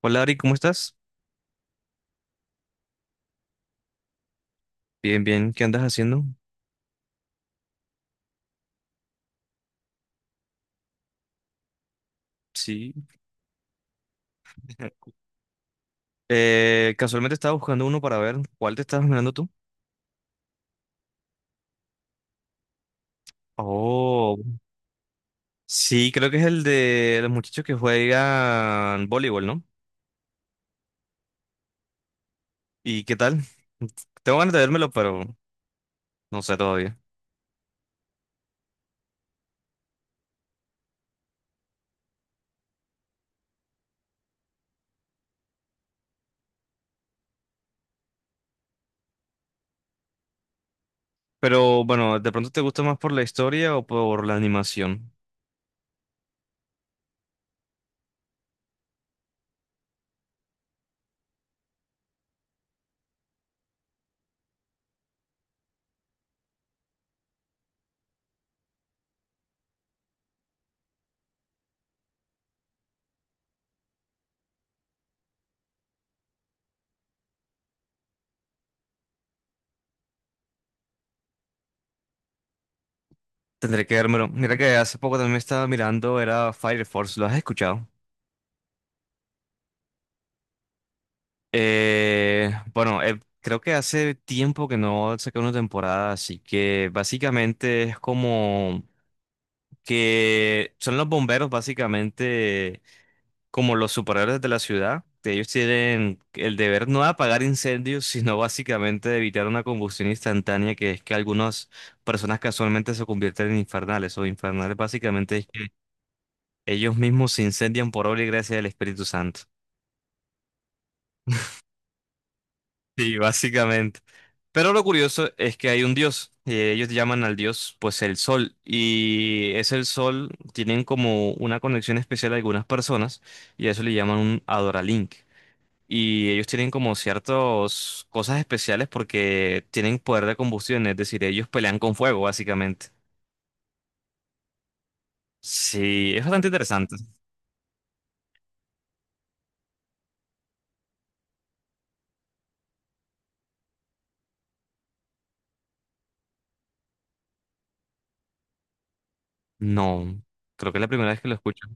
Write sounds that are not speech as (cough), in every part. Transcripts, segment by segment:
Hola Ari, ¿cómo estás? Bien, bien, ¿qué andas haciendo? Sí. (laughs) Casualmente estaba buscando uno para ver cuál te estabas mirando tú. Oh, sí, creo que es el de los muchachos que juegan voleibol, ¿no? ¿Y qué tal? Tengo ganas de vérmelo, pero no sé todavía. Pero bueno, ¿de pronto te gusta más por la historia o por la animación? Tendré que vérmelo. Mira que hace poco también estaba mirando, era Fire Force, ¿lo has escuchado? Bueno, creo que hace tiempo que no saqué una temporada, así que básicamente es como que son los bomberos básicamente como los superhéroes de la ciudad, que ellos tienen el deber no de apagar incendios, (laughs) sino básicamente de evitar una combustión instantánea, que es que algunas personas casualmente se convierten en infernales, o infernales básicamente es que ellos mismos se incendian por obra y gracia del Espíritu Santo. Sí, básicamente. Pero lo curioso es que hay un dios. Ellos llaman al dios, pues, el sol. Y es el sol, tienen como una conexión especial a algunas personas y a eso le llaman un Adoralink. Y ellos tienen como ciertas cosas especiales porque tienen poder de combustión, es decir, ellos pelean con fuego, básicamente. Sí, es bastante interesante. No, creo que es la primera vez que lo escucho.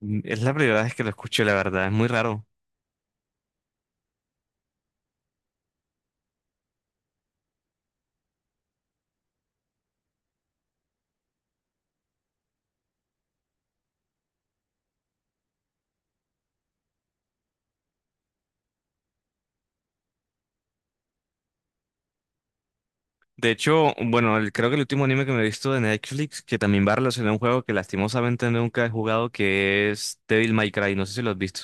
Es la primera vez que lo escucho, la verdad, es muy raro. De hecho, bueno, creo que el último anime que me he visto de Netflix, que también va relacionado a un juego que lastimosamente nunca he jugado, que es Devil May Cry, no sé si lo has visto.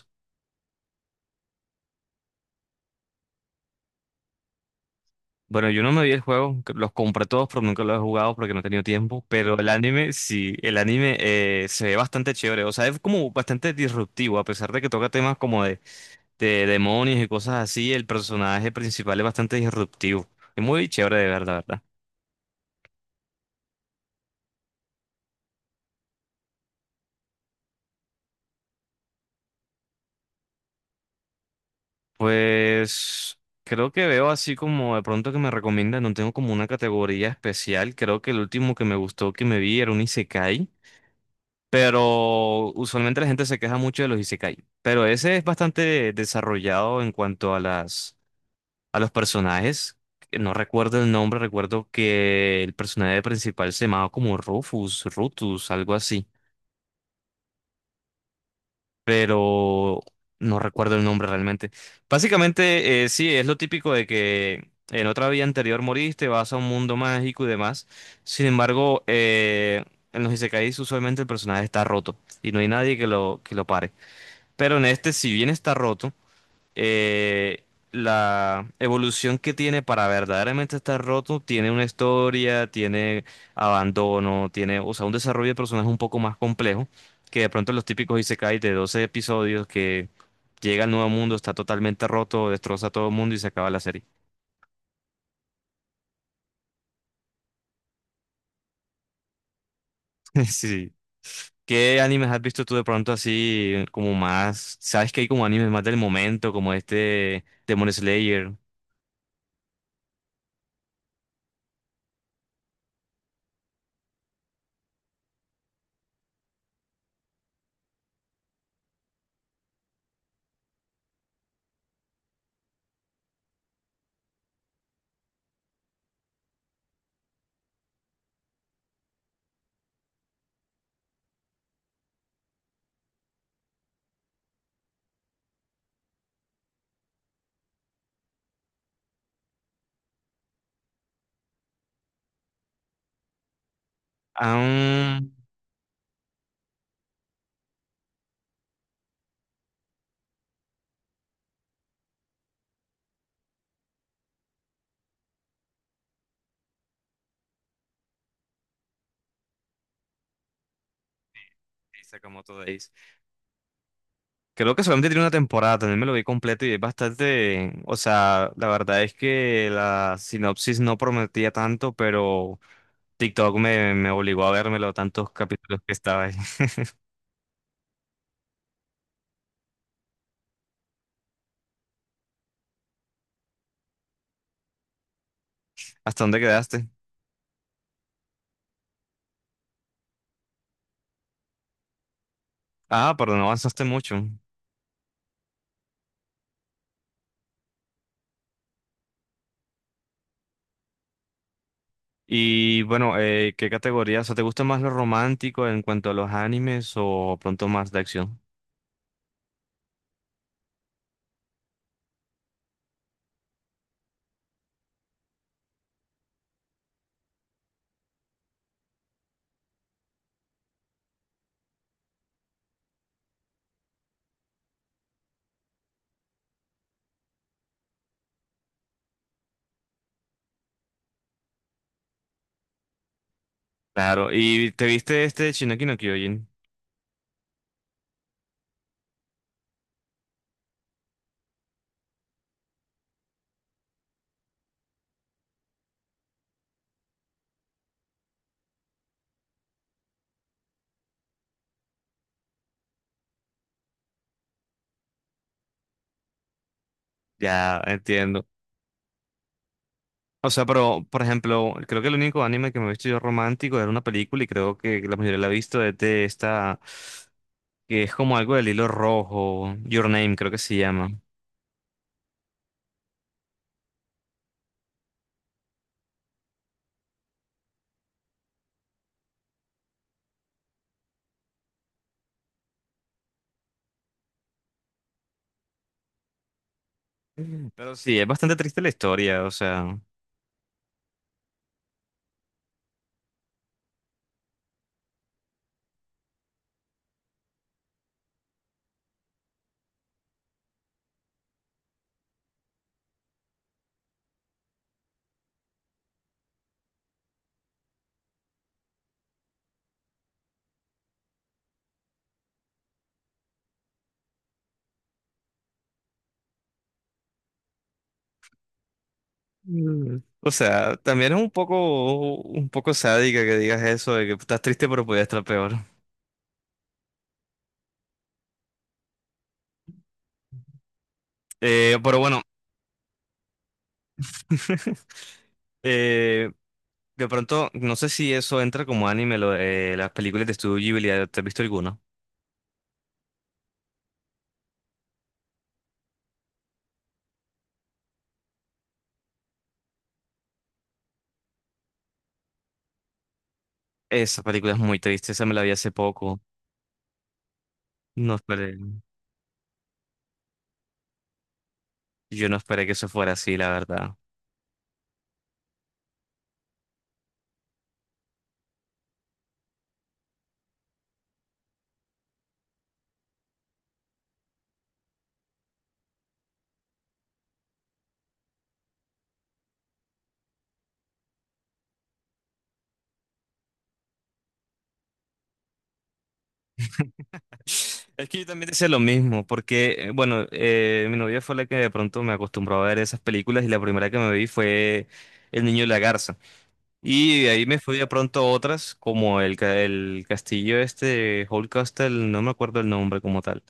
Bueno, yo no me vi el juego, que los compré todos, pero nunca los he jugado porque no he tenido tiempo, pero el anime, sí, el anime se ve bastante chévere, o sea, es como bastante disruptivo, a pesar de que toca temas como de demonios y cosas así, el personaje principal es bastante disruptivo, es muy chévere de ver, la verdad. Pues creo que veo así como de pronto que me recomiendan, no tengo como una categoría especial, creo que el último que me gustó que me vi era un isekai, pero usualmente la gente se queja mucho de los isekai, pero ese es bastante desarrollado en cuanto a las a los personajes, que no recuerdo el nombre, recuerdo que el personaje principal se llamaba como Rufus, Rutus, algo así. Pero no recuerdo el nombre realmente. Básicamente, sí, es lo típico de que en otra vida anterior moriste, vas a un mundo mágico y demás. Sin embargo, en los Isekais usualmente el personaje está roto y no hay nadie que lo pare. Pero en este, si bien está roto, eh, la evolución que tiene para verdaderamente estar roto tiene una historia, tiene abandono, tiene, o sea, un desarrollo de personaje un poco más complejo que de pronto los típicos isekai de 12 episodios que llega al nuevo mundo, está totalmente roto, destroza a todo el mundo y se acaba la serie. (laughs) Sí. ¿Qué animes has visto tú de pronto así como más? ¿Sabes que hay como animes más del momento, como este Demon Slayer? Ah, um, Sakamoto Days. Creo que solamente tiene una temporada, también me lo vi completo y es bastante, o sea, la verdad es que la sinopsis no prometía tanto, pero TikTok me obligó a vérmelo tantos capítulos que estaba ahí. (laughs) ¿Hasta dónde quedaste? Ah, perdón, no avanzaste mucho. Y bueno, ¿qué categoría? O sea, ¿te gusta más lo romántico en cuanto a los animes o pronto más de acción? Claro, ¿y te viste este Shingeki no Kyojin? Ya, entiendo. O sea, pero, por ejemplo, creo que el único anime que me he visto yo romántico era una película y creo que la mayoría la ha visto es de esta, que es como algo del hilo rojo, Your Name creo que se llama. Mm. Pero sí, es bastante triste la historia, o sea. Mm. O sea, también es un poco sádica que digas eso, de que estás triste pero podías estar peor. Pero bueno, (laughs) eh, de pronto, no sé si eso entra como anime, lo de las películas de Estudio Ghibli, ¿te has visto alguna? Esa película es muy triste, esa me la vi hace poco. No esperé, yo no esperé que eso fuera así, la verdad. (laughs) Es que yo también decía lo mismo, porque, bueno, mi novia fue la que de pronto me acostumbró a ver esas películas y la primera que me vi fue El Niño y la Garza. Y de ahí me fui de pronto a otras, como el castillo este, Hall Castle, no me acuerdo el nombre como tal.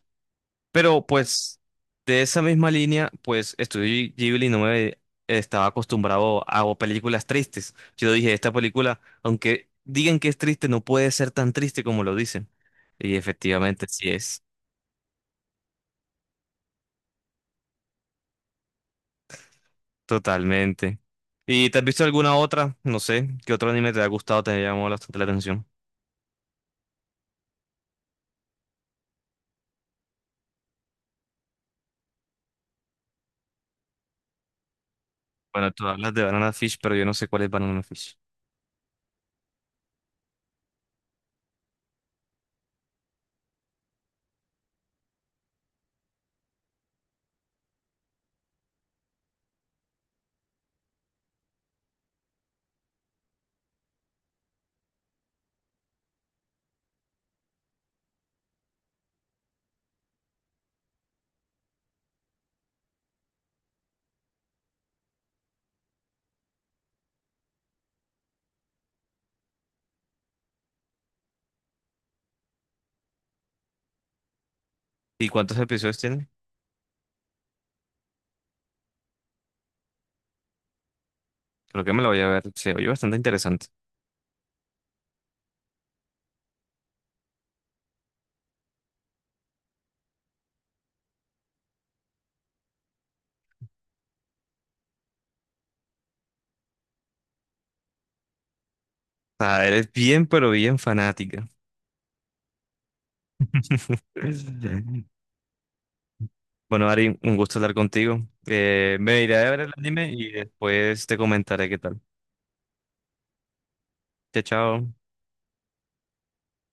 Pero pues de esa misma línea, pues Estudio Ghibli no me estaba acostumbrado a o películas tristes. Yo dije, esta película, aunque digan que es triste, no puede ser tan triste como lo dicen. Y efectivamente sí es, totalmente. ¿Y te has visto alguna otra? No sé, ¿qué otro anime te ha gustado, te ha llamado bastante la atención? Bueno, tú hablas de Banana Fish, pero yo no sé cuál es Banana Fish. ¿Y cuántos episodios tiene? Creo que me lo voy a ver, se oye bastante interesante. O sea, eres bien, pero bien fanática. (laughs) Bueno, Ari, un gusto hablar contigo. Me iré a ver el anime y después te comentaré qué tal. Chao, chao.